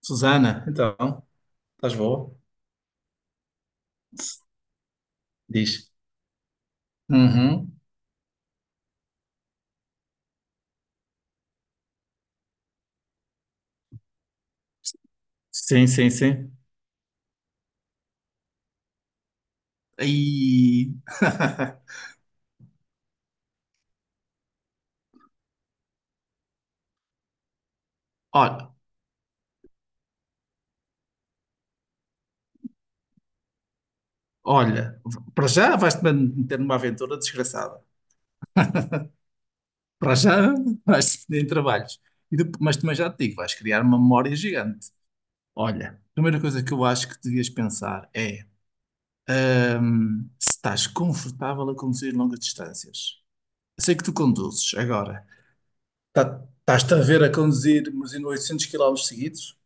Susana, então, estás boa? Diz. Uhum. Sim, sim, sim. E... Olha, olha, para já vais-te meter numa aventura desgraçada. Para já vais-te meter em trabalhos. E depois, mas também já te digo, vais criar uma memória gigante. Olha, a primeira coisa que eu acho que devias pensar é se estás confortável a conduzir longas distâncias. Eu sei que tu conduzes agora. Estás-te a ver a conduzir mas em 800 quilómetros seguidos?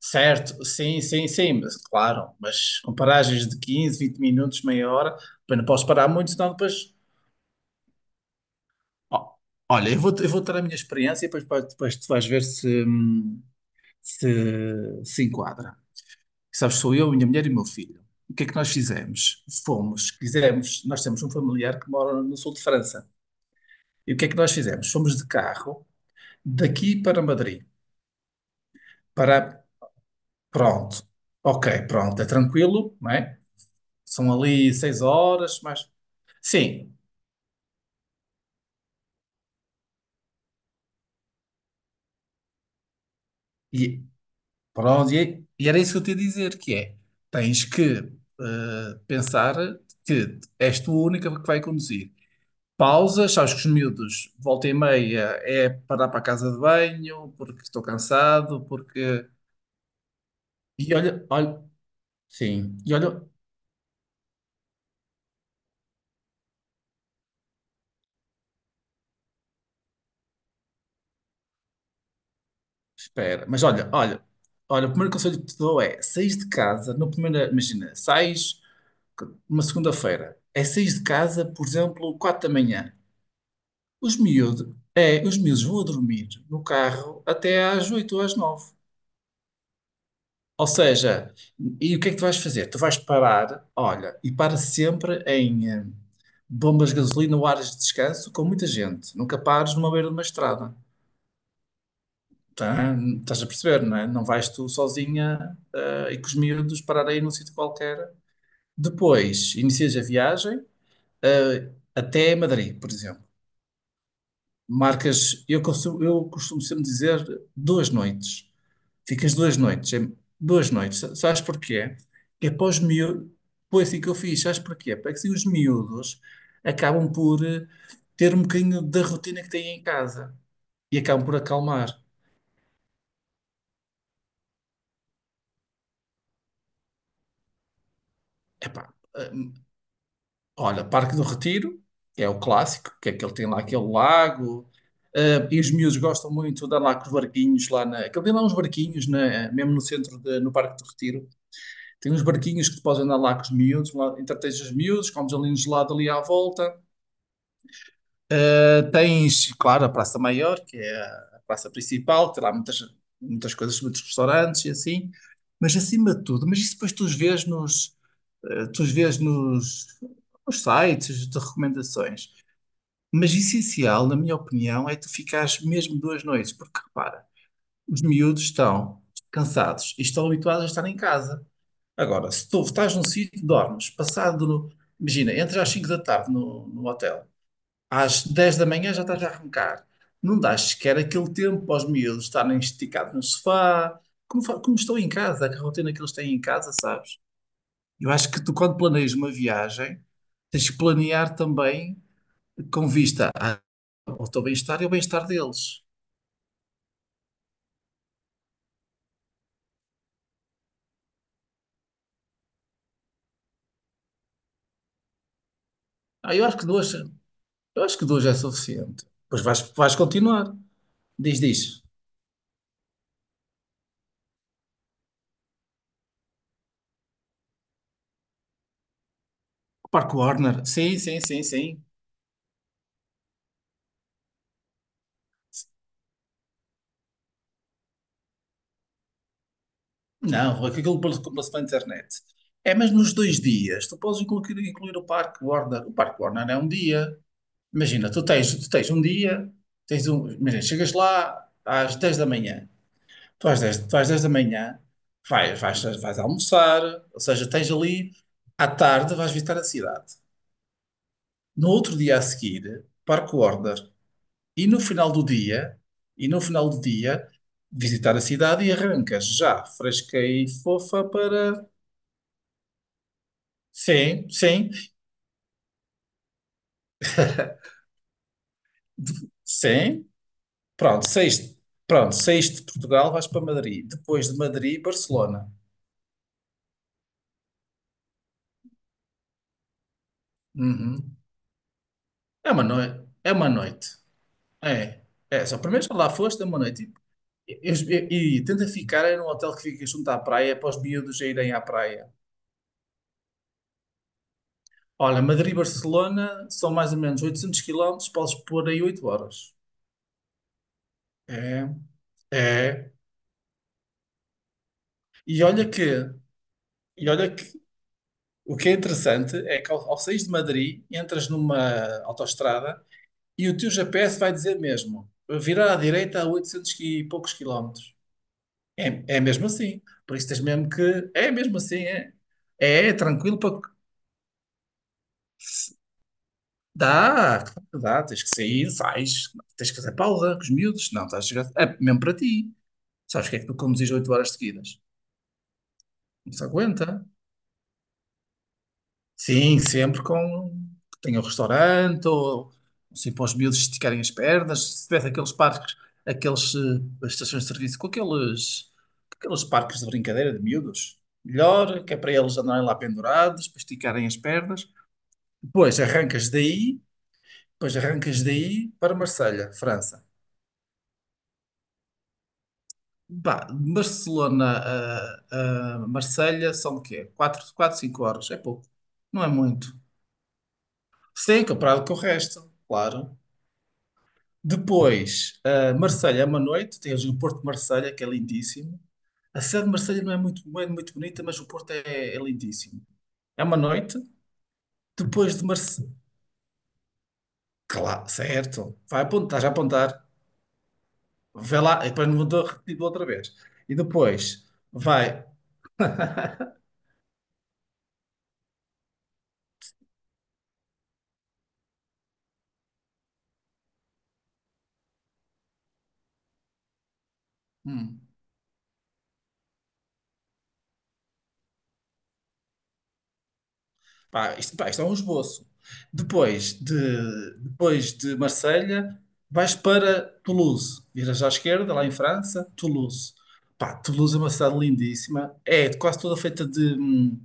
Certo, sim, sim, sim, mas claro, mas com paragens de 15 20 minutos, meia hora, bem, não posso parar muito, senão depois. Ó, olha, eu vou ter a minha experiência e depois, depois tu vais ver se, se se enquadra. Sabes, sou eu, minha mulher e meu filho. O que é que nós fizemos? Fomos, quisemos, nós temos um familiar que mora no sul de França. E o que é que nós fizemos? Fomos de carro daqui para Madrid, para. Pronto, ok, pronto, é tranquilo, não é? São ali seis horas, mais. Sim, e pronto, e era isso que eu te ia dizer, que é, tens que pensar que és tu a única que vai conduzir. Pausas, sabes que os miúdos, volta e meia, é parar para a casa de banho, porque estou cansado, porque... E olha, olha, sim, espera, olha, o primeiro conselho que te dou é, saís de casa, no primeiro, imagina, sais uma segunda-feira, é saís de casa, por exemplo, quatro da manhã. Os miúdos, é, os miúdos vão a dormir no carro até às 8 ou às 9. Ou seja, e o que é que tu vais fazer? Tu vais parar, olha, e para sempre em bombas de gasolina ou áreas de descanso com muita gente. Nunca pares numa beira de uma estrada. Tá? Estás a perceber, não é? Não vais tu sozinha e com os miúdos parar aí num sítio qualquer. Depois, inicias a viagem até Madrid, por exemplo. Marcas, eu costumo sempre dizer duas noites. Ficas duas noites, é- Duas noites. Sabes porquê? Que é para os miúdos. Foi assim que eu fiz, sabes porquê? Porque assim os miúdos acabam por ter um bocadinho da rotina que têm em casa e acabam por acalmar. Epá, hum, olha, Parque do Retiro, que é o clássico, que é que ele tem lá aquele lago, e os miúdos gostam muito de andar lá com os barquinhos lá na. Aquele tem lá uns barquinhos, mesmo no centro, no Parque do Retiro. Tem uns barquinhos que tu podes andar lá com os miúdos, lá entretens os miúdos, comes ali um gelado ali à volta. Tens, claro, a Praça Maior, que é a praça principal, tem lá muitas, muitas coisas, muitos restaurantes e assim, mas acima de tudo, mas isso depois tu os vês nos, nos sites de recomendações. Mas essencial, na minha opinião, é tu ficares mesmo duas noites, porque repara, os miúdos estão cansados e estão habituados a estar em casa. Agora, se tu estás num sítio, dormes, passado, imagina, entras às 5 da tarde no, no hotel às 10 da manhã já estás a arrancar. Não dás sequer aquele tempo aos miúdos estarem esticados no sofá, como, como estão em casa, a rotina que eles têm em casa, sabes? Eu acho que tu, quando planeias uma viagem, tens que planear também com vista ao teu bem-estar e ao bem-estar deles. Ah, eu acho que duas é suficiente. Pois vais, vais continuar. Diz, diz. Park Warner. Sim, sim, sim, sim. Não, Rui, que aquilo compra-se pela internet. É, mas nos dois dias, tu podes incluir o Parque Warner. O Parque Warner é um dia. Imagina, tu tens um dia, tens um, imagina, chegas lá às 10 da manhã. Tu às 10 da manhã vais almoçar, ou seja, tens ali, à tarde vais visitar a cidade. No outro dia a seguir, Parque Warner. E no final do dia, e no final do dia, visitar a cidade e arrancas já fresca e fofa para. Sim, sim, sim. Pronto, saíste. Pronto, saíste de Portugal, vais para Madrid. Depois de Madrid, Barcelona. Uhum. É uma noite. É uma noite. É. É, só primeiro já lá foste, é uma noite. E tenta ficar em um hotel que fica junto à praia, para os miúdos já irem à praia. Olha, Madrid e Barcelona são mais ou menos 800 quilómetros, podes pôr aí 8 horas. É, é. E olha que, e olha. O que é interessante é que ao sair de Madrid, entras numa autoestrada e o teu GPS vai dizer mesmo, virar à direita a 800 e poucos quilómetros. É, é mesmo assim. Por isso tens mesmo que... É mesmo assim, é. É, é tranquilo para... Dá, claro que dá. Tens que sair, sais. Tens que fazer pausa com os miúdos. Não, estás a chegar... É mesmo para ti. Sabes que é que tu conduzis 8 horas seguidas? Não se aguenta. Sim, sempre com. Tem o restaurante, ou assim, para os miúdos esticarem as pernas. Se tivesse aqueles parques, estações de serviço, com aqueles parques de brincadeira de miúdos, melhor, que é para eles andarem lá pendurados, para esticarem as pernas. Depois arrancas daí, depois arrancas daí para Marselha, França. Bah, a Marselha são o quê? Quatro 5 horas, é pouco, não é muito. Sim, comparado com o resto, claro. Depois, ah, Marselha é uma noite, tens o Porto de Marselha, que é lindíssimo. A cidade de Marselha não é muito bonita, mas o Porto é, é lindíssimo. É uma noite. Depois de Marselha. Claro, certo. Vai apontar, estás a apontar. Vê lá, e depois não vou repetir outra vez. E depois vai. hum, Pá, pá, isto é um esboço. Depois de, depois de Marselha, vais para Toulouse. Viras à esquerda, lá em França, Toulouse. Pá, Toulouse é uma cidade lindíssima. É quase toda feita de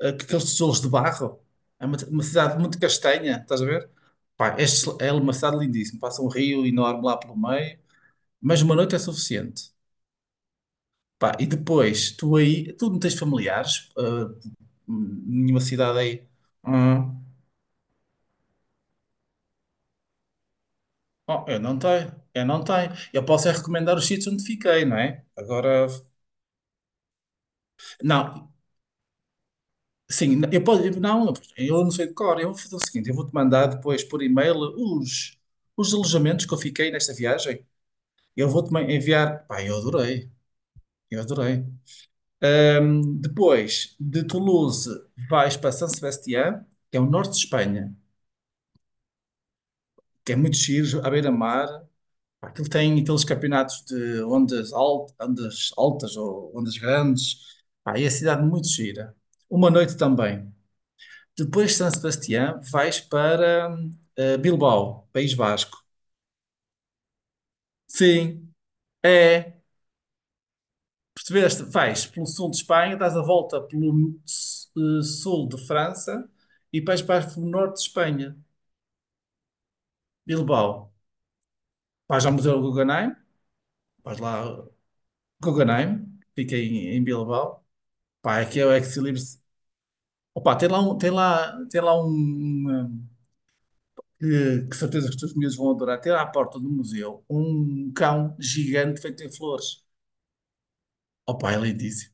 aqueles tijolos de barro. É uma cidade muito castanha, estás a ver? Pá, é, é uma cidade lindíssima. Passa um rio enorme lá pelo meio, mas uma noite é suficiente. Pá, e depois, tu aí, tu não tens familiares, ah, nenhuma cidade aí. Hum. Oh, eu não tenho, eu não tenho. Eu posso é recomendar os sítios onde fiquei, não é? Agora, não, sim, eu posso, não, eu não sei de cor. Eu vou fazer o seguinte, eu vou-te mandar depois por e-mail os alojamentos que eu fiquei nesta viagem. Enviar, pá, eu adorei, eu adorei. Depois, de Toulouse, vais para San Sebastián, que é o norte de Espanha, que é muito giro, à beira-mar. Pá, aquilo tem aqueles campeonatos de ondas, ondas altas ou ondas grandes. Pá, e a cidade muito gira. Uma noite também. Depois de San Sebastián, vais para Bilbao, País Vasco. Sim, é. Percebeste? Vais pelo sul de Espanha, dás a volta pelo sul de França e depois vais para o norte de Espanha, Bilbao. Vais ao Museu Guggenheim, vais lá, Guggenheim, fica em, em Bilbao. Pá, aqui é o ex. Opa, tem lá que certeza que os teus miúdos vão adorar. Tem lá à porta do museu um cão gigante feito em flores. Opa, é lindíssimo.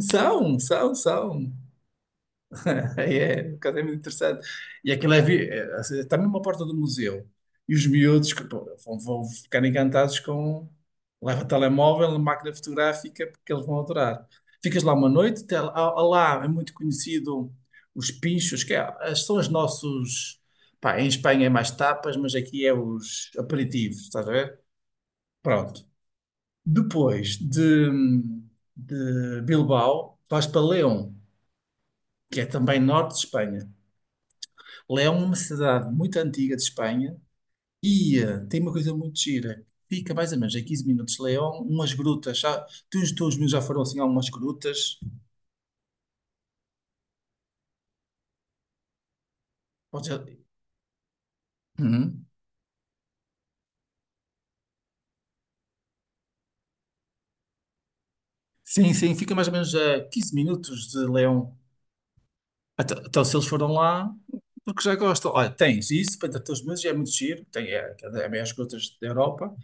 São, são, são. É, um bocado é muito interessante. E aquilo é, é, assim, está mesmo à porta do museu. E os miúdos que, pô, vão, vão ficar encantados com. Leva telemóvel, máquina fotográfica, porque eles vão adorar. Ficas lá uma noite, há lá é muito conhecido os pinchos, que é, são os nossos. Pá, em Espanha é mais tapas, mas aqui é os aperitivos, estás a ver? Pronto. Depois de, de Bilbao, vais para León, que é também norte de Espanha. Leão é uma cidade muito antiga de Espanha e tem uma coisa muito gira. Fica mais ou menos a 15 minutos de Leão, umas grutas. Já, teus meus já foram assim a umas grutas. Pode já- Uhum. Sim, sim, fica mais ou menos a 15 minutos de Leão. Então, se eles foram lá, porque já gostam. Olha, tens isso para todos os meus, já é muito giro. É, as maiores grutas da Europa.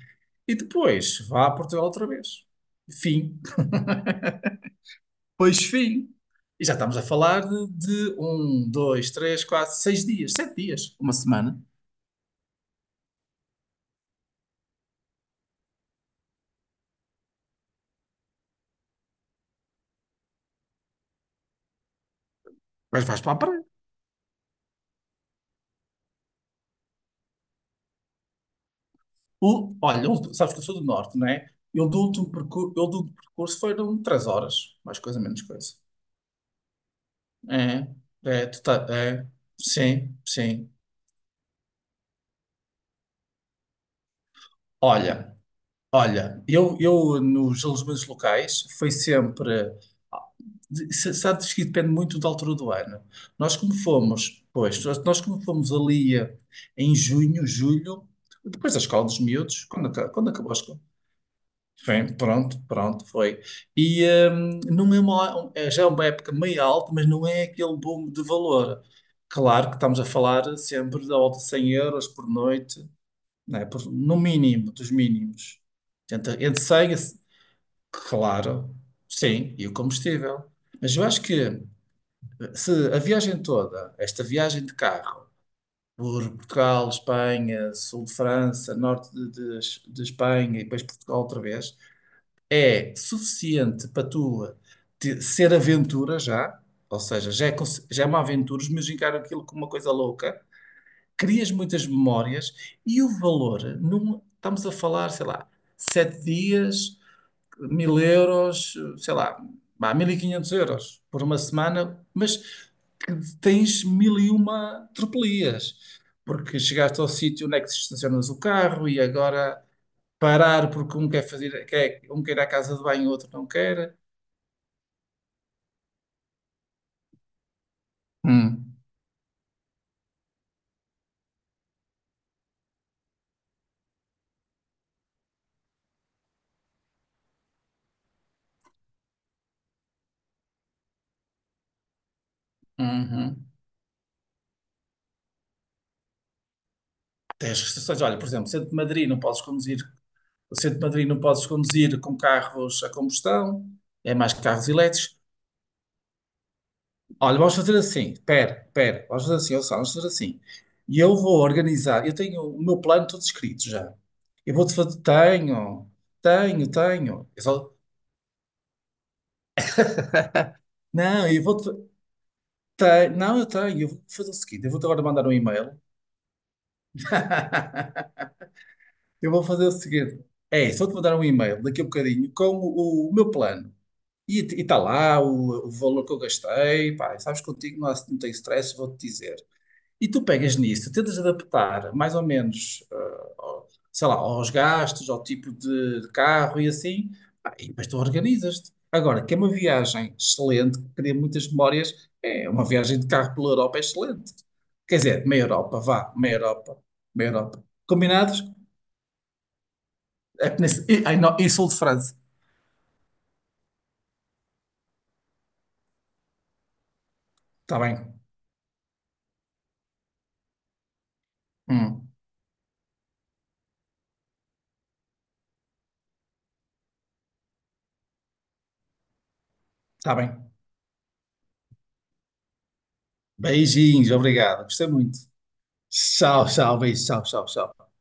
E depois, vá a Portugal outra vez. Fim. Pois fim. E já estamos a falar de um, dois, três, quatro, seis dias, sete dias, uma semana. Mas vais para a praia. Olha, sabes que eu sou do norte, não é? Eu do último percurso foram três horas, mais coisa, menos coisa. É, é, é, sim, sim. Olha, olha, eu nos alojamentos locais foi sempre. Sabes que depende muito da altura do ano. Nós como fomos ali em junho, julho, depois da escola dos miúdos, quando, quando acabou a escola. Bem, pronto, pronto, foi. E não é uma, é já é uma época meio alta, mas não é aquele boom de valor. Claro que estamos a falar sempre de volta de 100 euros por noite, né? No mínimo, dos mínimos. Entre, entre 100 e... Claro, sim, e o combustível. Mas eu acho que se a viagem toda, esta viagem de carro, por Portugal, Espanha, sul de França, de Espanha e depois Portugal outra vez, é suficiente para tu ser aventura já, ou seja, já é, já é uma aventura, mas encarar aquilo como uma coisa louca, crias muitas memórias e o valor, não estamos a falar, sei lá, sete dias, 1.000 euros, sei lá, vá, 1.500 euros por uma semana, mas que tens mil e uma tropelias, porque chegaste ao sítio onde é que se estacionas o carro e agora parar porque um quer fazer, quer, um quer ir à casa de banho e o outro não quer. Hum, uhum. Tens restrições. Olha, por exemplo, centro de Madrid não podes conduzir, o centro de Madrid não podes conduzir com carros a combustão, é mais que carros elétricos. Olha, vamos fazer assim. Pera, pera. Vamos fazer assim, ouça, vamos fazer assim. E eu vou organizar. Eu tenho o meu plano todo escrito já. Eu vou-te fazer. Tenho, tenho, tenho. Não, eu vou-te. Tenho, não, eu tenho. Eu vou fazer o seguinte. Eu vou-te agora mandar um e-mail. Eu vou fazer o seguinte. É, só te mandar um e-mail daqui a um bocadinho com o meu plano. E está lá o valor que eu gastei. Pá, sabes contigo, não tem stress, vou-te dizer. E tu pegas nisso, tentas adaptar mais ou menos, ah, sei lá, aos gastos, ao tipo de carro e assim, pá, e depois tu organizas-te. Agora, que é uma viagem excelente, que cria muitas memórias, é uma viagem de carro pela Europa é excelente. Quer dizer, meia Europa, vá, meia Europa, meia Europa. Combinados? É que ai, não, e sul de França. Está bem. Hum, está bem. Beijinhos, obrigado. Gostei muito. Tchau, tchau, beijo, tchau, tchau, tchau.